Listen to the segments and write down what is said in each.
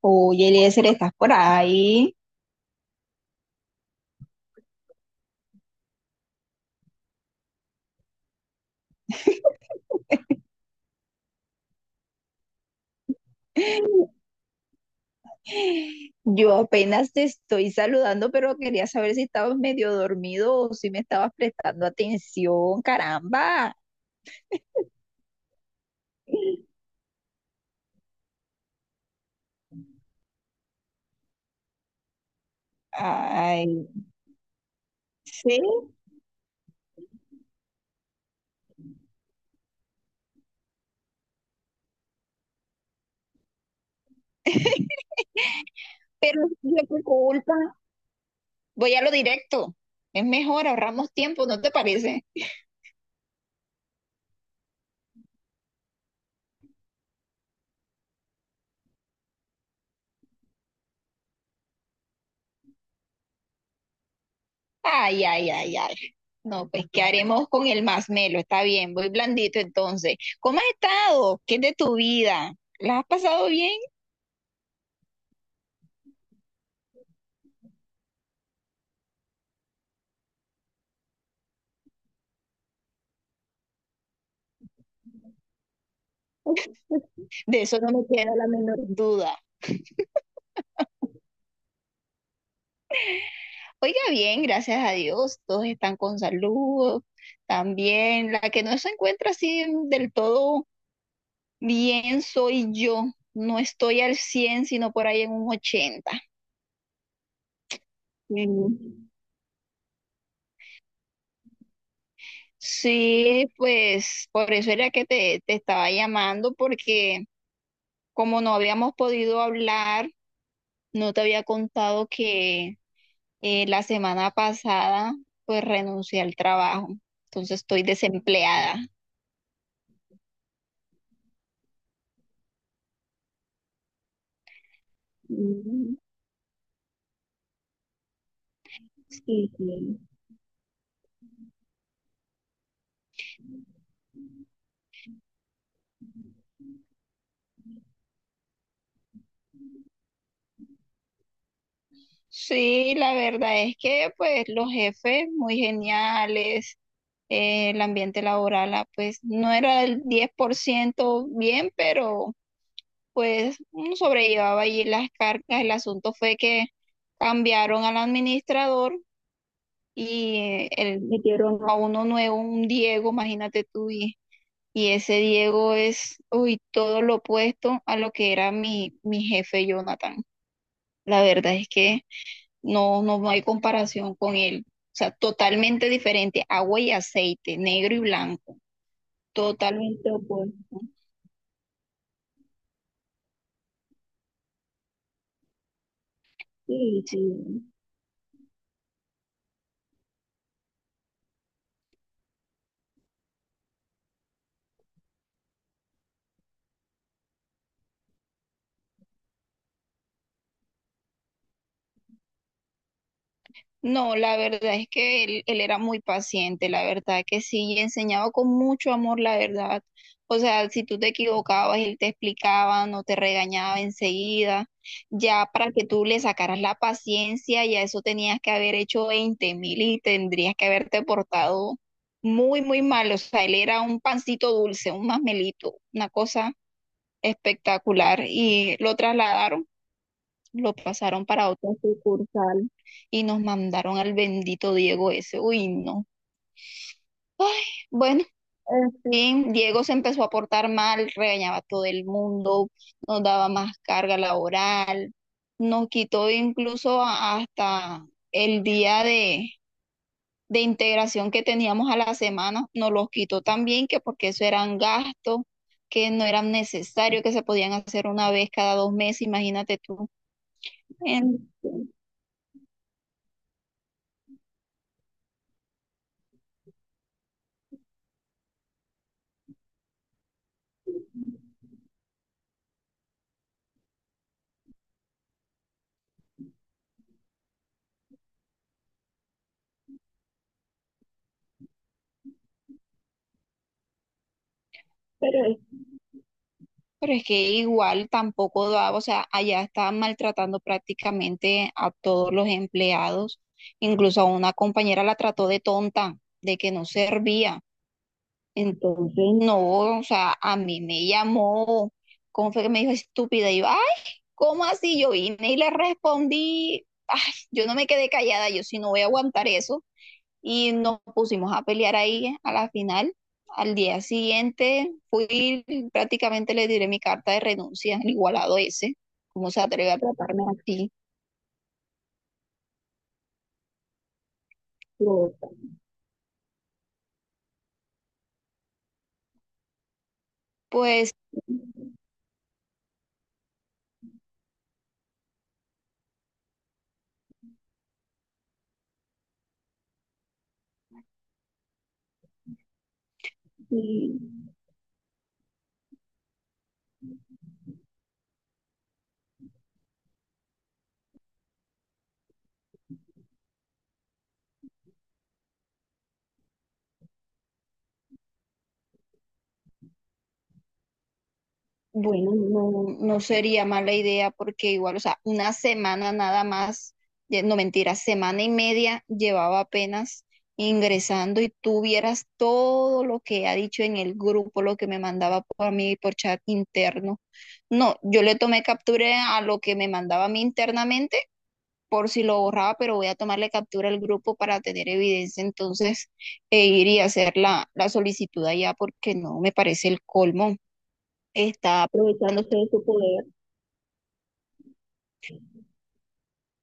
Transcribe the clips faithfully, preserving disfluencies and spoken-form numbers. Oye, Eliezer, ¿estás por ahí? Yo apenas te estoy saludando, pero quería saber si estabas medio dormido o si me estabas prestando atención, caramba. Ay, sí, pero yo qué culpa. Voy a lo directo. Es mejor, ahorramos tiempo, ¿no te parece? Ay, ay, ay, ay. No, pues, ¿qué haremos con el más melo? Está bien, voy blandito entonces. ¿Cómo has estado? ¿Qué es de tu vida? ¿La has pasado bien? De eso no me queda la menor duda. Oiga, bien, gracias a Dios, todos están con salud. También la que no se encuentra así del todo bien soy yo. No estoy al cien, sino por ahí en un ochenta. Mm. Sí, pues por eso era que te, te estaba llamando, porque como no habíamos podido hablar, no te había contado que eh, la semana pasada pues renuncié al trabajo. Entonces estoy desempleada. Mm. Sí, sí. Sí, la verdad es que pues los jefes muy geniales, eh, el ambiente laboral ah, pues no era el diez por ciento bien, pero pues uno sobrellevaba allí las cargas. El asunto fue que cambiaron al administrador y eh, el- metieron a uno nuevo, un Diego, imagínate tú, y, y ese Diego es, uy, todo lo opuesto a lo que era mi, mi jefe Jonathan. La verdad es que... No, no hay comparación con él. O sea, totalmente diferente. Agua y aceite, negro y blanco. Totalmente opuesto. Sí, sí. No, la verdad es que él, él era muy paciente, la verdad que sí, y enseñaba con mucho amor, la verdad. O sea, si tú te equivocabas, él te explicaba, no te regañaba enseguida. Ya para que tú le sacaras la paciencia, ya eso tenías que haber hecho veinte mil y tendrías que haberte portado muy, muy mal. O sea, él era un pancito dulce, un masmelito, una cosa espectacular. Y lo trasladaron lo pasaron para otra sucursal y nos mandaron al bendito Diego ese. Uy, no. Ay, bueno, en fin, Diego se empezó a portar mal, regañaba a todo el mundo, nos daba más carga laboral, nos quitó incluso a- hasta el día de, de integración que teníamos a la semana, nos los quitó también, que porque eso eran gastos que no eran necesarios, que se podían hacer una vez cada dos meses, imagínate tú. En Pero es que igual tampoco daba, o sea, allá estaban maltratando prácticamente a todos los empleados, incluso a una compañera la trató de tonta, de que no servía. Entonces, no, o sea, a mí me llamó, ¿cómo fue que me dijo estúpida? Y yo, ay, ¿cómo así? Yo vine y le respondí, ay, yo no me quedé callada, yo sí no voy a aguantar eso y nos pusimos a pelear ahí a la final. Al día siguiente fui, prácticamente le diré mi carta de renuncia, el igualado ese, cómo se atreve a tratarme así. Pues sí. Bueno, no, no sería mala idea porque igual, o sea, una semana nada más, ye- no mentira, semana y media llevaba apenas ingresando y tú vieras todo lo que ha dicho en el grupo, lo que me mandaba por a mí por chat interno. No, yo le tomé captura a lo que me mandaba a mí internamente por si lo borraba, pero voy a tomarle captura al grupo para tener evidencia entonces e ir y hacer la, la solicitud allá porque no me parece el colmo está aprovechándose de su poder.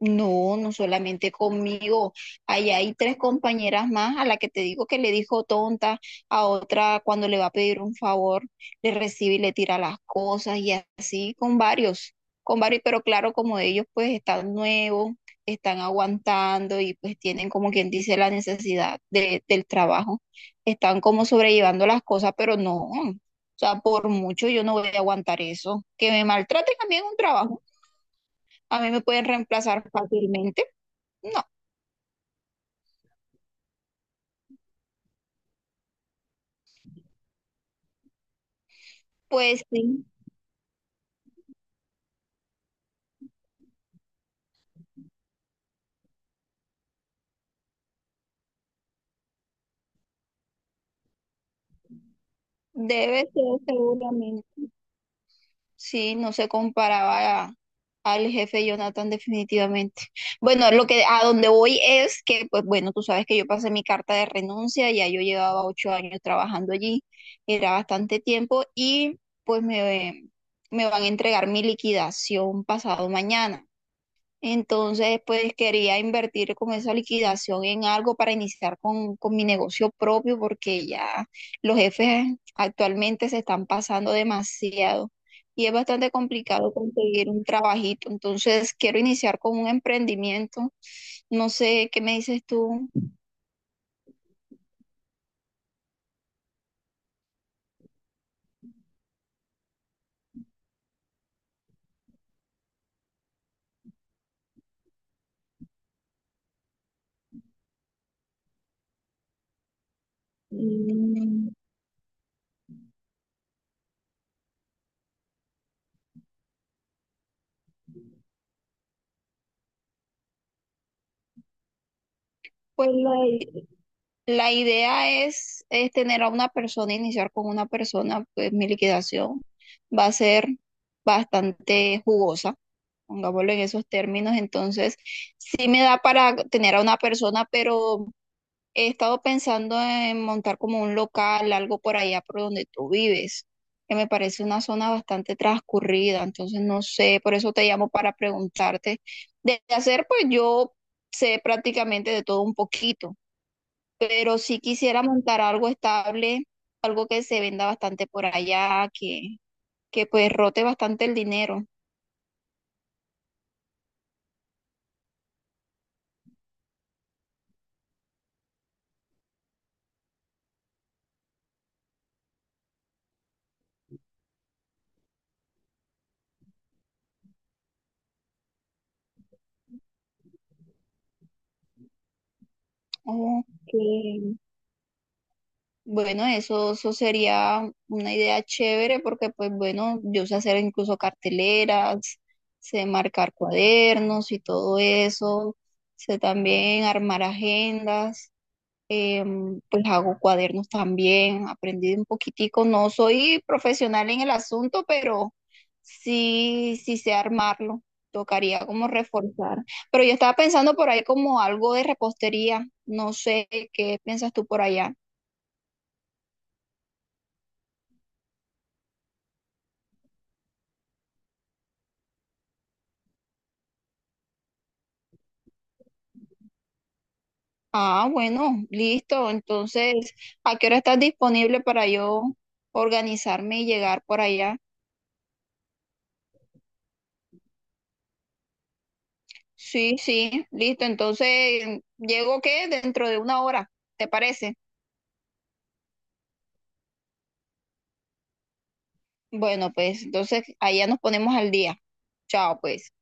No, no solamente conmigo. Allá hay tres compañeras más a la que te digo que le dijo tonta, a otra cuando le va a pedir un favor, le recibe y le tira las cosas y así con varios, con varios, pero claro, como ellos pues están nuevos, están aguantando y pues tienen como quien dice la necesidad de- del trabajo, están como sobrellevando las cosas, pero no. O sea, por mucho yo no voy a aguantar eso. Que me maltraten a mí en un trabajo. A mí me pueden reemplazar fácilmente. No, pues sí, debe ser seguramente. Sí, no se comparaba a- al jefe Jonathan definitivamente. Bueno, lo que a donde voy es que, pues bueno, tú sabes que yo pasé mi carta de renuncia, ya yo llevaba ocho años trabajando allí, era bastante tiempo y pues me, me van a entregar mi liquidación pasado mañana. Entonces, pues quería invertir con esa liquidación en algo para iniciar con, con mi negocio propio, porque ya los jefes actualmente se están pasando demasiado y es bastante complicado conseguir un trabajito. Entonces, quiero iniciar con un emprendimiento. No sé, ¿qué me dices tú? Mm. Pues la, i- la idea es, es tener a una persona, iniciar con una persona, pues mi liquidación va a ser bastante jugosa. Pongámoslo en esos términos, entonces sí me da para tener a una persona, pero he estado pensando en montar como un local, algo por allá por donde tú vives, que me parece una zona bastante transcurrida, entonces no sé, por eso te llamo para preguntarte. De hacer, pues yo sé prácticamente de todo un poquito, pero si quisiera montar algo estable, algo que se venda bastante por allá, que, que pues rote bastante el dinero. Ok. Bueno, eso, eso sería una idea chévere porque, pues bueno, yo sé hacer incluso carteleras, sé marcar cuadernos y todo eso, sé también armar agendas, em, pues hago cuadernos también, aprendí un poquitico, no soy profesional en el asunto, pero sí, sí sé armarlo, tocaría como reforzar. Pero yo estaba pensando por ahí como algo de repostería, no sé qué piensas tú por allá. Ah, bueno, listo. Entonces, ¿a qué hora estás disponible para yo organizarme y llegar por allá? Sí, sí, listo. Entonces, ¿llego qué? Dentro de una hora, ¿te parece? Bueno, pues entonces allá nos ponemos al día. Chao, pues.